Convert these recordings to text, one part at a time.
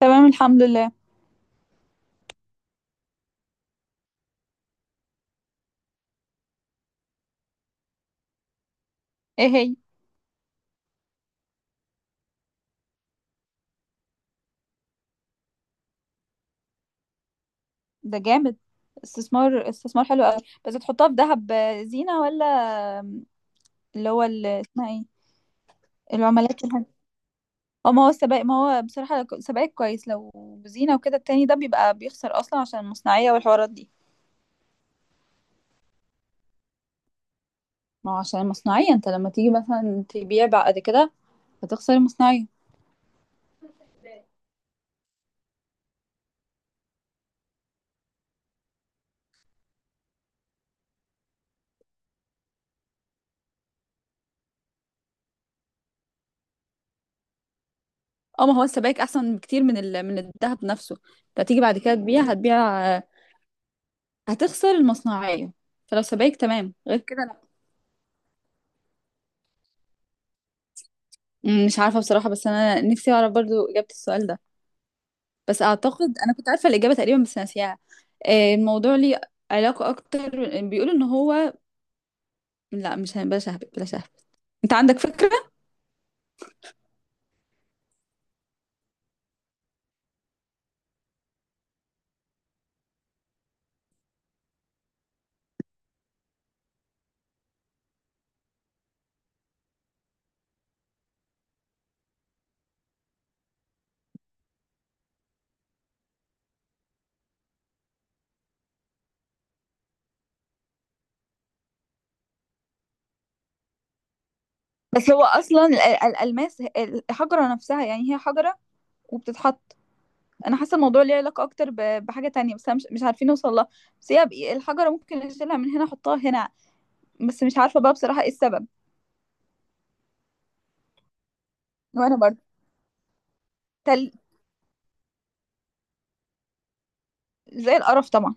تمام، الحمد لله. ايه هي؟ ده جامد. استثمار استثمار حلو قوي، بس تحطها في ذهب زينة ولا؟ اللي هو اسمها ايه؟ العملات، الحاجة. اه، ما هو السبائك، ما هو بصراحة سبائك كويس لو زينة وكده. التاني ده بيبقى بيخسر اصلا عشان المصنعية والحوارات دي. ما هو عشان المصنعية انت لما تيجي مثلا تبيع بعد كده هتخسر المصنعية. اه، ما هو السبائك احسن بكتير من الذهب نفسه. انت هتيجي بعد كده تبيع، هتبيع هتخسر المصنعية. فلو سبائك تمام، غير كده. مش عارفة بصراحة، بس أنا نفسي أعرف برضو إجابة السؤال ده. بس أعتقد أنا كنت عارفة الإجابة تقريبا بس ناسيها. الموضوع ليه علاقة أكتر. بيقولوا إن هو، لا، مش هن- بلا شهب بلا شهب. أنت عندك فكرة؟ بس هو اصلا الالماس، الحجره نفسها، يعني هي حجره وبتتحط. انا حاسه الموضوع ليه علاقه اكتر بحاجه تانية، بس أنا مش عارفين نوصل لها. بس هي الحجره ممكن اشيلها من هنا احطها هنا، بس مش عارفه بقى بصراحه ايه السبب. وانا برضه. تل... زي القرف طبعا.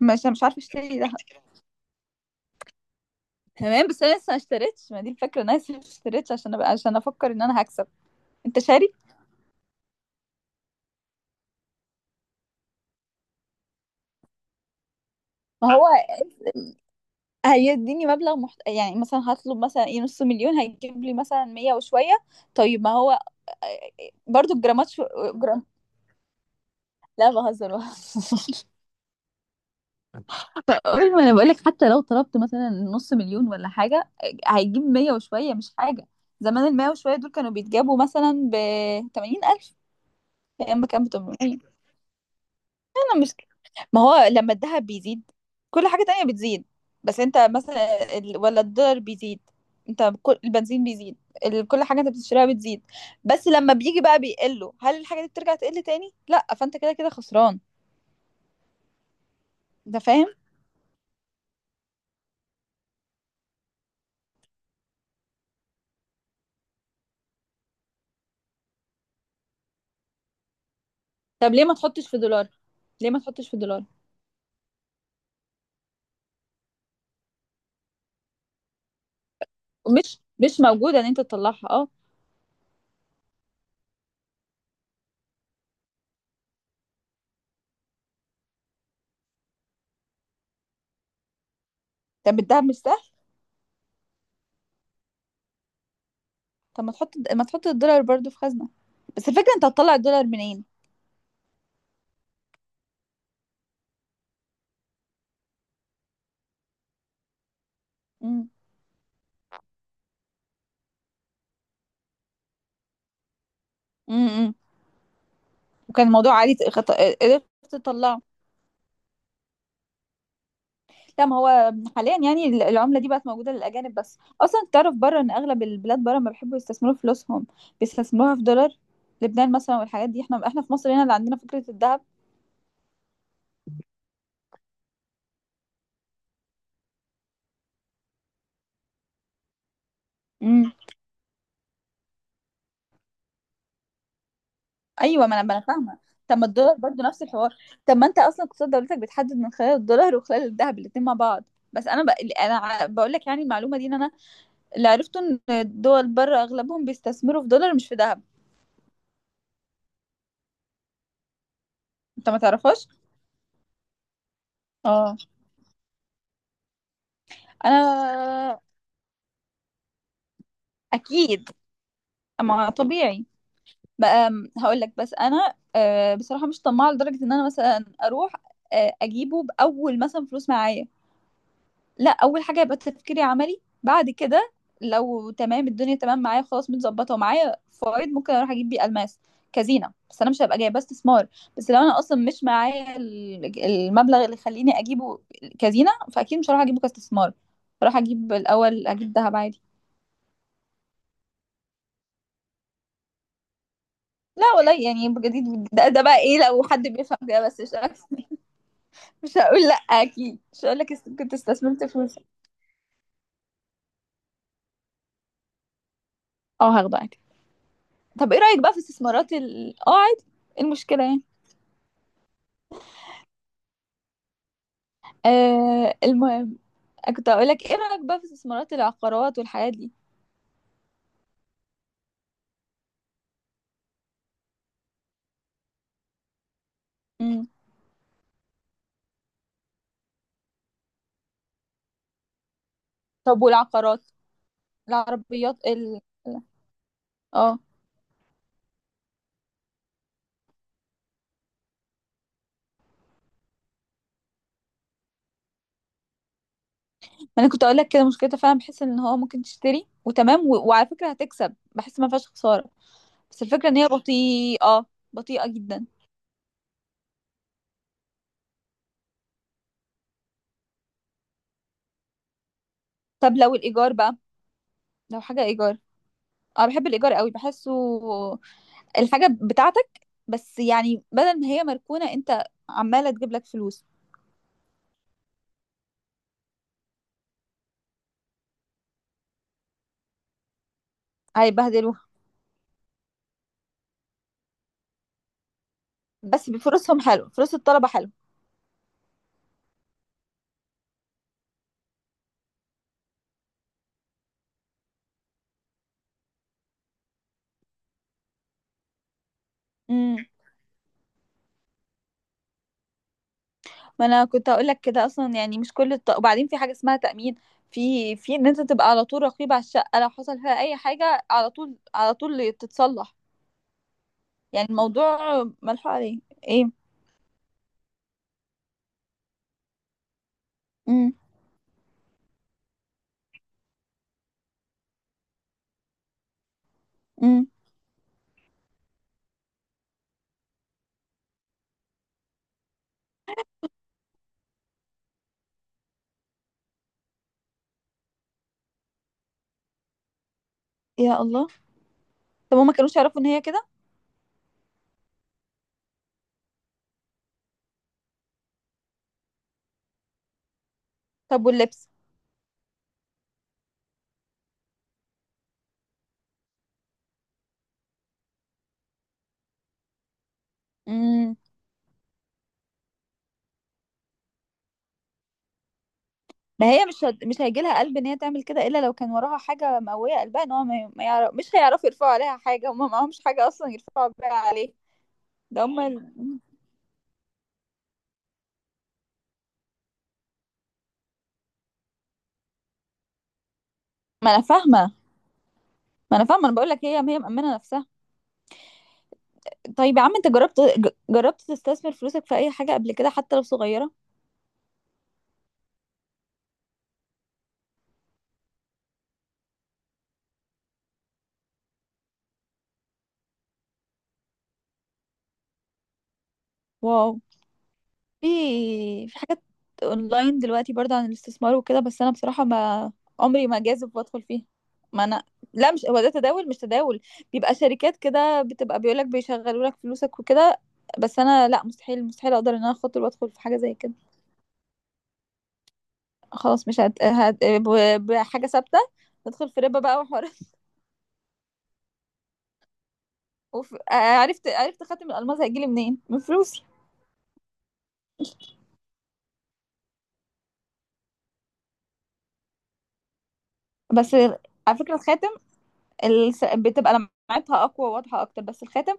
مش عارفه اشتري ده. تمام، بس انا لسه ما اشتريتش، ما دي الفكره، انا لسه ما اشتريتش عشان أبقى، عشان افكر ان انا هكسب. انت شاري. ما هو هيديني مبلغ يعني مثلا هطلب مثلا ايه نص مليون، هيجيب لي مثلا 100 وشويه. طيب ما هو برضو الجرامات جرام. لا بهزر بهزر. قول، ما انا بقولك، حتى لو طلبت مثلا نص مليون ولا حاجه هيجيب 100 وشويه، مش حاجه. زمان 100 وشويه دول كانوا بيتجابوا مثلا ب 80 الف، ايام ما كان ب 800. أنا مش. ما هو لما الذهب بيزيد كل حاجة تانية بتزيد. بس انت مثلا ولا الدولار بيزيد، انت كل البنزين بيزيد، كل حاجة انت بتشتريها بتزيد. بس لما بيجي بقى بيقله، هل الحاجة دي بترجع تقل تاني؟ لا، فانت كده كده خسران. انت فاهم؟ طب ليه ما تحطش في دولار؟ ليه ما تحطش في دولار؟ ومش مش موجودة ان انت تطلعها، اه. طب الدهب مش سهل؟ طب ما تحط الدولار برضو في خزنة. بس الفكرة انت هتطلع الدولار منين؟ امم. امم. وكان الموضوع عادي، قدرت تطلعه. لا، ما هو حاليا يعني العملة دي بقت موجودة للأجانب بس، أصلا تعرف بره إن أغلب البلاد بره ما بيحبوا يستثمروا فلوسهم، بيستثمروها في دولار. لبنان مثلا والحاجات دي، احنا في مصر هنا اللي عندنا فكرة الذهب. امم. أيوه، ما أنا فاهمة. طب ما الدولار برضه نفس الحوار. طب ما أنت أصلا اقتصاد دولتك بيتحدد من خلال الدولار وخلال الذهب، الاتنين مع بعض. بس أنا أنا بقول لك، يعني المعلومة دي إن أنا اللي عرفته إن الدول بره أغلبهم بيستثمروا في دولار مش في ذهب. أنت ما تعرفهاش؟ اه. أنا. أكيد، ما طبيعي بقى. هقول لك بس انا بصراحه مش طماعه لدرجه ان انا مثلا اروح اجيبه باول مثلا فلوس معايا. لا، اول حاجه يبقى تفكيري عملي. بعد كده لو تمام الدنيا، تمام معايا خلاص، متظبطه ومعايا فوائد، ممكن اروح اجيب بيه الماس كزينه، بس انا مش هبقى جايباه استثمار. بس لو انا اصلا مش معايا المبلغ اللي يخليني اجيبه كزينه، فاكيد مش هروح اجيبه كاستثمار. هروح اجيب الاول، اجيب ذهب عادي. لا والله يعني بجد، ده، ده بقى ايه لو حد بيفهم كده، بس مش أكتر. مش هقول لا، اكيد مش هقول لك كنت استثمرت فلوسك. اه، هاخده عادي. طب ايه رايك بقى في استثمارات ال عادي، إيه المشكله يعني؟ آه، المهم، كنت هقول لك ايه رايك بقى في استثمارات العقارات والحاجات دي؟ امم. طب والعقارات؟ العربيات ال- اه، ما انا كنت اقول لك كده، مشكلتها فعلا، بحس ان هو ممكن تشتري وتمام وعلى فكره هتكسب، بحس ما فيهاش خساره. بس الفكره ان هي بطيئه، بطيئه جدا. طب لو الايجار بقى، لو حاجه ايجار. اه، بحب الايجار قوي، بحسه الحاجة بتاعتك. بس يعني بدل ما هي مركونة، انت عمالة تجيب لك فلوس. هيبهدلوها. بس بفلوسهم حلو، فلوس الطلبة حلو. امم. ما انا كنت هقول لك كده اصلا، يعني مش كل وبعدين في حاجة اسمها تأمين، في ان انت تبقى على طول رقيب على الشقة، لو حصل فيها اي حاجة على طول، على طول تتصلح. يعني الموضوع ملحوق عليه. ايه. امم. امم. يا الله! طب هما كانوش يعرفوا ان هي كده؟ طب واللبس؟ امم. ما هي مش مش هيجي لها قلب ان هي تعمل كده الا لو كان وراها حاجه مقويه قلبها، ان هو ما يعرف، مش هيعرفوا يرفعوا عليها حاجه، هم معهمش حاجه اصلا يرفعوا بيها عليه. ده هم ما انا فاهمه، ما انا فاهمه، انا بقول لك هي هي مأمنه نفسها. طيب يا عم، انت جربت جربت تستثمر فلوسك في اي حاجه قبل كده حتى لو صغيره؟ واو. في في حاجات اونلاين دلوقتي برضه عن الاستثمار وكده، بس انا بصراحه ما عمري ما جاذب وادخل فيها. ما انا، لا مش هو ده تداول، مش تداول، بيبقى شركات كده بتبقى، بيقولك بيشغلوا لك فلوسك وكده. بس انا لا، مستحيل اقدر ان انا اخاطر وادخل في حاجه زي كده. خلاص مش هت... هت... ب- بحاجه ثابته. ندخل في ربا بقى وحوارات. عرفت عرفت خاتم الالماس هيجيلي منين من فلوسي. بس على فكره بتبقى لمعتها اقوى وواضحه اكتر، بس الخاتم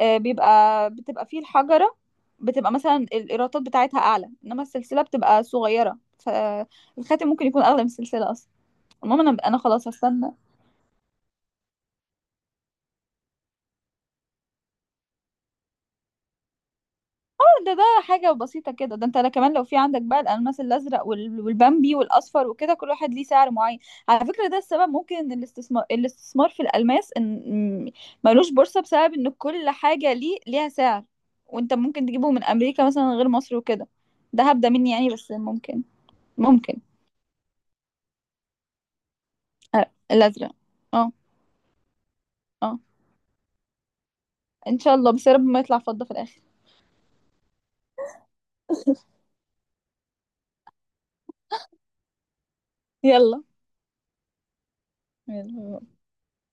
بيبقى بتبقى فيه الحجره، بتبقى مثلا الايرادات بتاعتها اعلى، انما السلسله بتبقى صغيره، فالخاتم ممكن يكون اغلى من السلسله اصلا. المهم انا خلاص هستنى. ده، ده حاجة بسيطة كده، ده انت، لا كمان لو في عندك بقى الألماس الأزرق والبامبي والأصفر وكده، كل واحد ليه سعر معين. على فكرة، ده السبب ممكن ان الاستثمار في الألماس ان م- ملوش بورصة بسبب ان كل حاجة ليه ليها سعر. وانت ممكن تجيبه من أمريكا مثلا غير مصر وكده. ده هبدأ مني يعني، بس ممكن. ممكن. أه، الأزرق. اه. اه ان شاء الله، بس يا رب ما يطلع فضة في الآخر. يلا. يلا.